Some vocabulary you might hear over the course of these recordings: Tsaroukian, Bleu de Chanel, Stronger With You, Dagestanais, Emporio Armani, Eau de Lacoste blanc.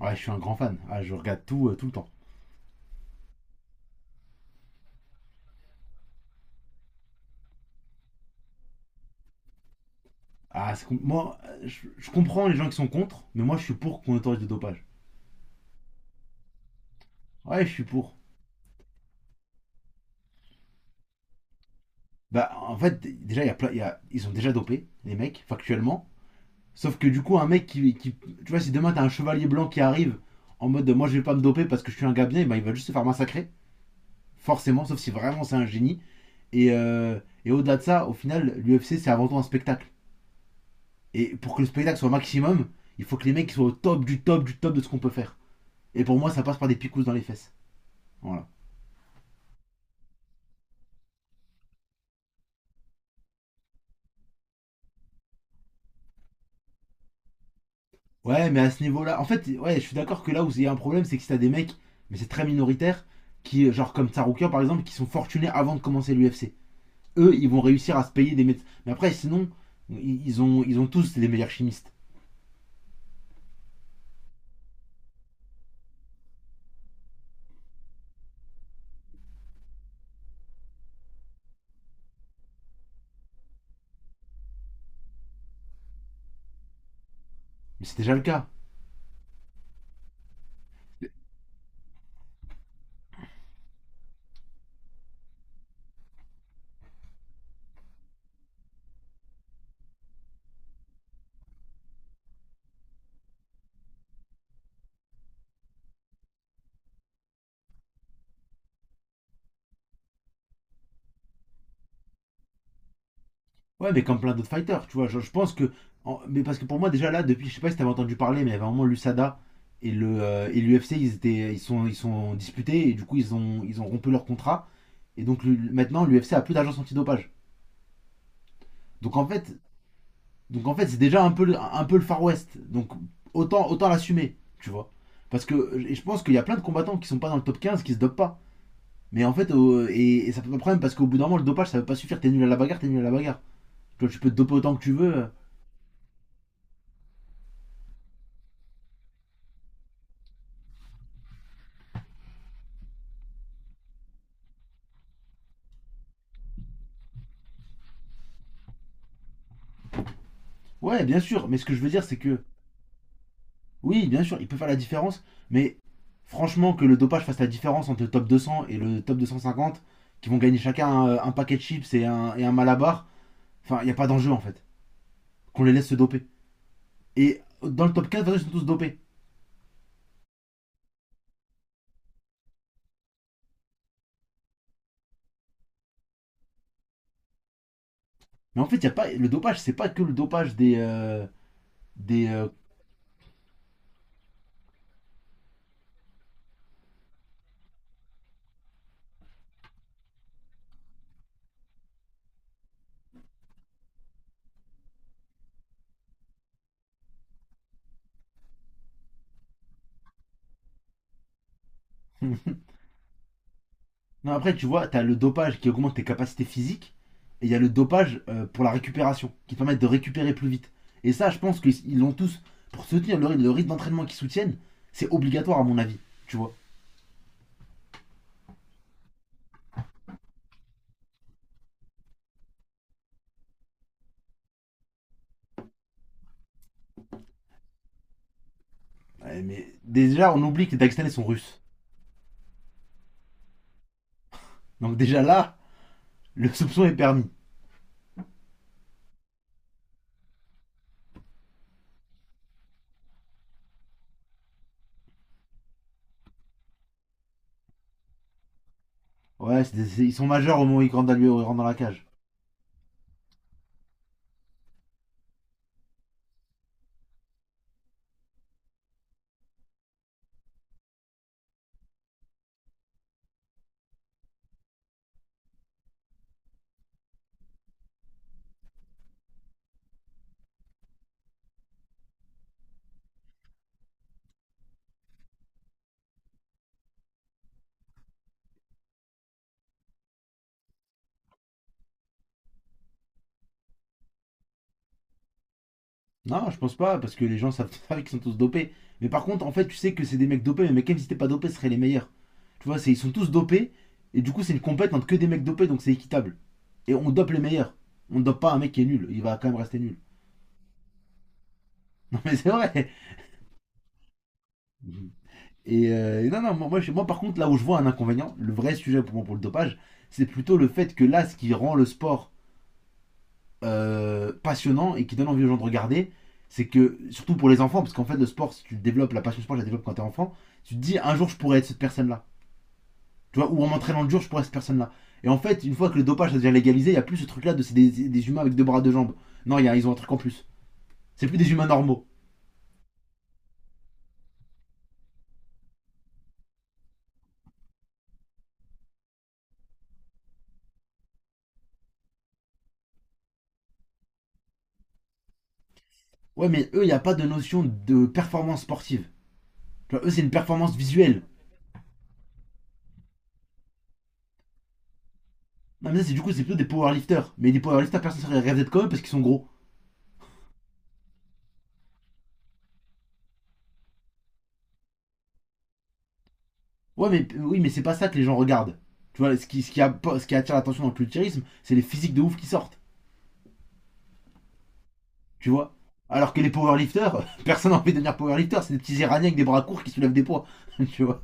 Ouais, je suis un grand fan. Ah, je regarde tout, tout le temps. Ah, moi, je comprends les gens qui sont contre, mais moi, je suis pour qu'on autorise le dopage. Ouais, je suis pour. Bah, en fait, déjà, il y a, ils sont déjà dopés, les mecs, factuellement. Sauf que du coup, un mec qui. Tu vois, si demain, t'as un chevalier blanc qui arrive en mode de, moi, je vais pas me doper parce que je suis un gars bien, eh ben, il va juste se faire massacrer. Forcément, sauf si vraiment c'est un génie. Et, euh, et au-delà de ça, au final, l'UFC, c'est avant tout un spectacle. Et pour que le spectacle soit au maximum, il faut que les mecs soient au top du top du top de ce qu'on peut faire. Et pour moi, ça passe par des picousses dans les fesses. Voilà. Ouais, mais à ce niveau-là, en fait, ouais, je suis d'accord que là où il y a un problème, c'est que si t'as des mecs, mais c'est très minoritaire, qui, genre comme Tsaroukian par exemple, qui sont fortunés avant de commencer l'UFC. Eux, ils vont réussir à se payer des médecins. Mais après, sinon, ils ont tous les meilleurs chimistes. Mais c'est déjà le cas. Ouais, mais comme plein d'autres fighters, tu vois. Je pense que. En- Mais parce que pour moi, déjà là, depuis, je sais pas si t'avais entendu parler, mais il y avait un moment l'USADA et l'UFC, ils sont disputés et du coup, ils ont rompu leur contrat. Maintenant, l'UFC a plus d'agence antidopage. Donc en fait, donc en fait, c'est déjà un peu le Far West. Donc autant l'assumer, tu vois. Parce que et je pense qu'il y a plein de combattants qui sont pas dans le top 15 qui se dopent pas. Mais en fait, et ça peut pas problème parce qu'au bout d'un moment, le dopage ça veut pas suffire. T'es nul à la bagarre, t'es nul à la bagarre. Tu vois, tu peux te doper autant que tu veux. Ouais, bien sûr. Mais ce que je veux dire, c'est que oui, bien sûr, il peut faire la différence. Mais franchement, que le dopage fasse la différence entre le top 200 et le top 250, qui vont gagner chacun un paquet de chips et et un malabar, enfin, il n'y a pas d'enjeu en fait. Qu'on les laisse se doper. Et dans le top 4, de toute façon, ils sont tous dopés. Mais en fait, y a pas, le dopage, c'est pas que le dopage des. Des non, après, tu vois, t'as le dopage qui augmente tes capacités physiques, et il y a le dopage pour la récupération, qui te permet de récupérer plus vite. Et ça, je pense qu'ils l'ont tous. Pour soutenir le rythme d'entraînement qu'ils soutiennent, c'est obligatoire, à mon avis. Tu vois. Ouais, mais déjà, on oublie que les Dagestanais sont russes. Donc, déjà là, le soupçon est permis. Ouais, ils sont majeurs au moment où ils rentrent dans ils rentrent dans la cage. Non, je pense pas, parce que les gens savent qu'ils sont tous dopés. Mais par contre, en fait, tu sais que c'est des mecs dopés, mais même si t'es pas dopé, ce seraient les meilleurs. Tu vois, c'est, ils sont tous dopés, et du coup, c'est une compète entre que des mecs dopés, donc c'est équitable. Et on dope les meilleurs. On dope pas un mec qui est nul, il va quand même rester nul. Non, mais c'est vrai. Et non, non, moi, moi, je- Moi, par contre, là où je vois un inconvénient, le vrai sujet pour moi pour le dopage, c'est plutôt le fait que là, ce qui rend le sport passionnant et qui donne envie aux gens de regarder, c'est que, surtout pour les enfants, parce qu'en fait, le sport, si tu développes la passion sport, je la développe quand t'es enfant, tu te dis un jour je pourrais être cette personne-là. Tu vois, ou en m'entraînant le jour, je pourrais être cette personne-là. Et en fait, une fois que le dopage ça devient légalisé, il n'y a plus ce truc-là de c'est des humains avec deux bras, deux jambes. Non, il y a, ils ont un truc en plus. C'est plus des humains normaux. Ouais, mais eux, il n'y a pas de notion de performance sportive. Tu vois, eux, c'est une performance visuelle. Non, mais ça, c'est du coup, c'est plutôt des powerlifters. Mais des powerlifters, personne ne serait rêvé d'être comme eux parce qu'ils sont gros. Ouais, mais oui, mais c'est pas ça que les gens regardent. Tu vois, ce qui attire l'attention dans le culturisme, c'est les physiques de ouf qui sortent. Tu vois. Alors que les powerlifters, personne n'a envie de devenir powerlifter, c'est des petits iraniens avec des bras courts qui soulèvent des poids. Tu vois.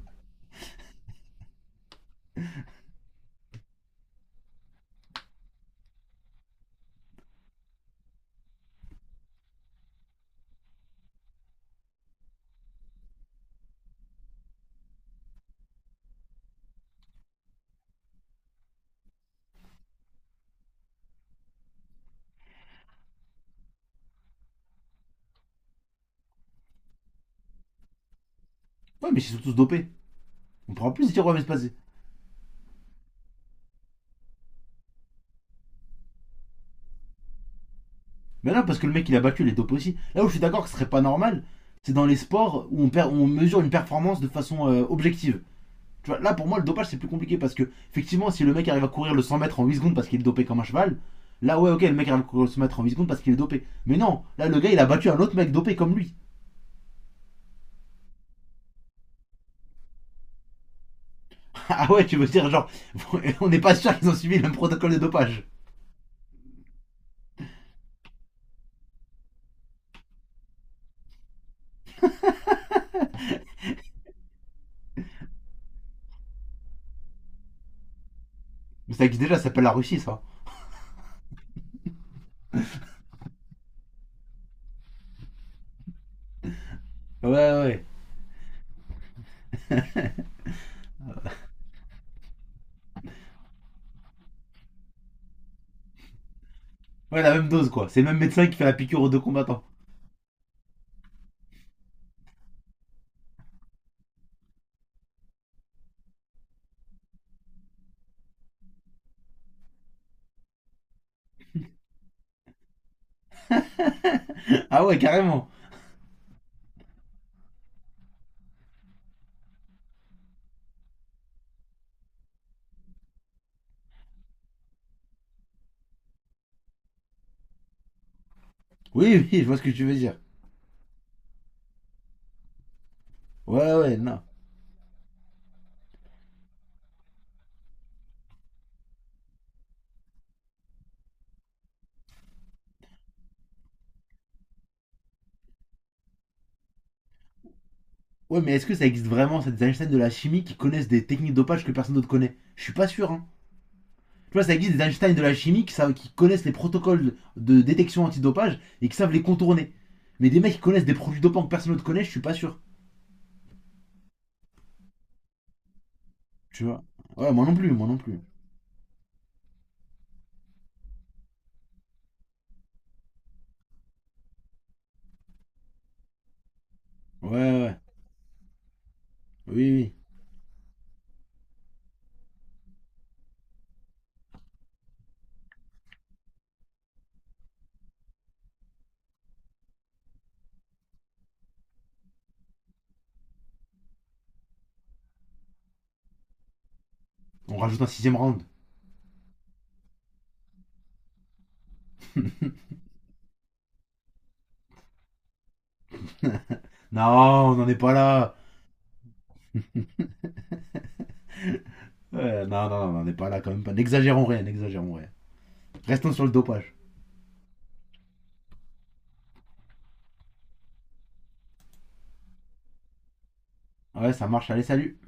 Ouais, mais ils sont tous dopés. On pourra plus se dire, ouais, mais c'est passé. Mais non, parce que le mec il a battu, il est dopé aussi. Là où je suis d'accord que ce serait pas normal, c'est dans les sports où où on mesure une performance de façon objective. Tu vois, là pour moi le dopage c'est plus compliqué parce que effectivement si le mec arrive à courir le 100 mètres en 8 secondes parce qu'il est dopé comme un cheval, là ouais ok le mec arrive à courir le 100 mètres en 8 secondes parce qu'il est dopé. Mais non, là le gars il a battu un autre mec dopé comme lui. Ah ouais tu veux dire genre on n'est pas sûr qu'ils ont suivi le même protocole de dopage. Mais ça existe déjà, ça s'appelle la Russie ça. Ouais ouais. Ouais la même dose quoi, c'est le même médecin qui fait la piqûre aux deux combattants. Ah ouais carrément. Oui oui je vois ce que tu veux dire. Ouais ouais non. Ouais mais est-ce que ça existe vraiment cette Einstein de la chimie qui connaissent des techniques de dopage que personne d'autre connaît? Je suis pas sûr hein. Tu vois, ça existe des Einstein de la chimie qui connaissent les protocoles de détection antidopage et qui savent les contourner. Mais des mecs qui connaissent des produits dopants que personne ne connaît, je suis pas sûr. Tu vois. Moi non plus. Ouais, ouais, ouais. Oui, oui. On rajoute un sixième round. Non, on n'en est pas là. Ouais, non, non, on n'en est pas là quand même pas. N'exagérons rien, n'exagérons rien. Restons sur le dopage. Ouais, ça marche, allez, salut.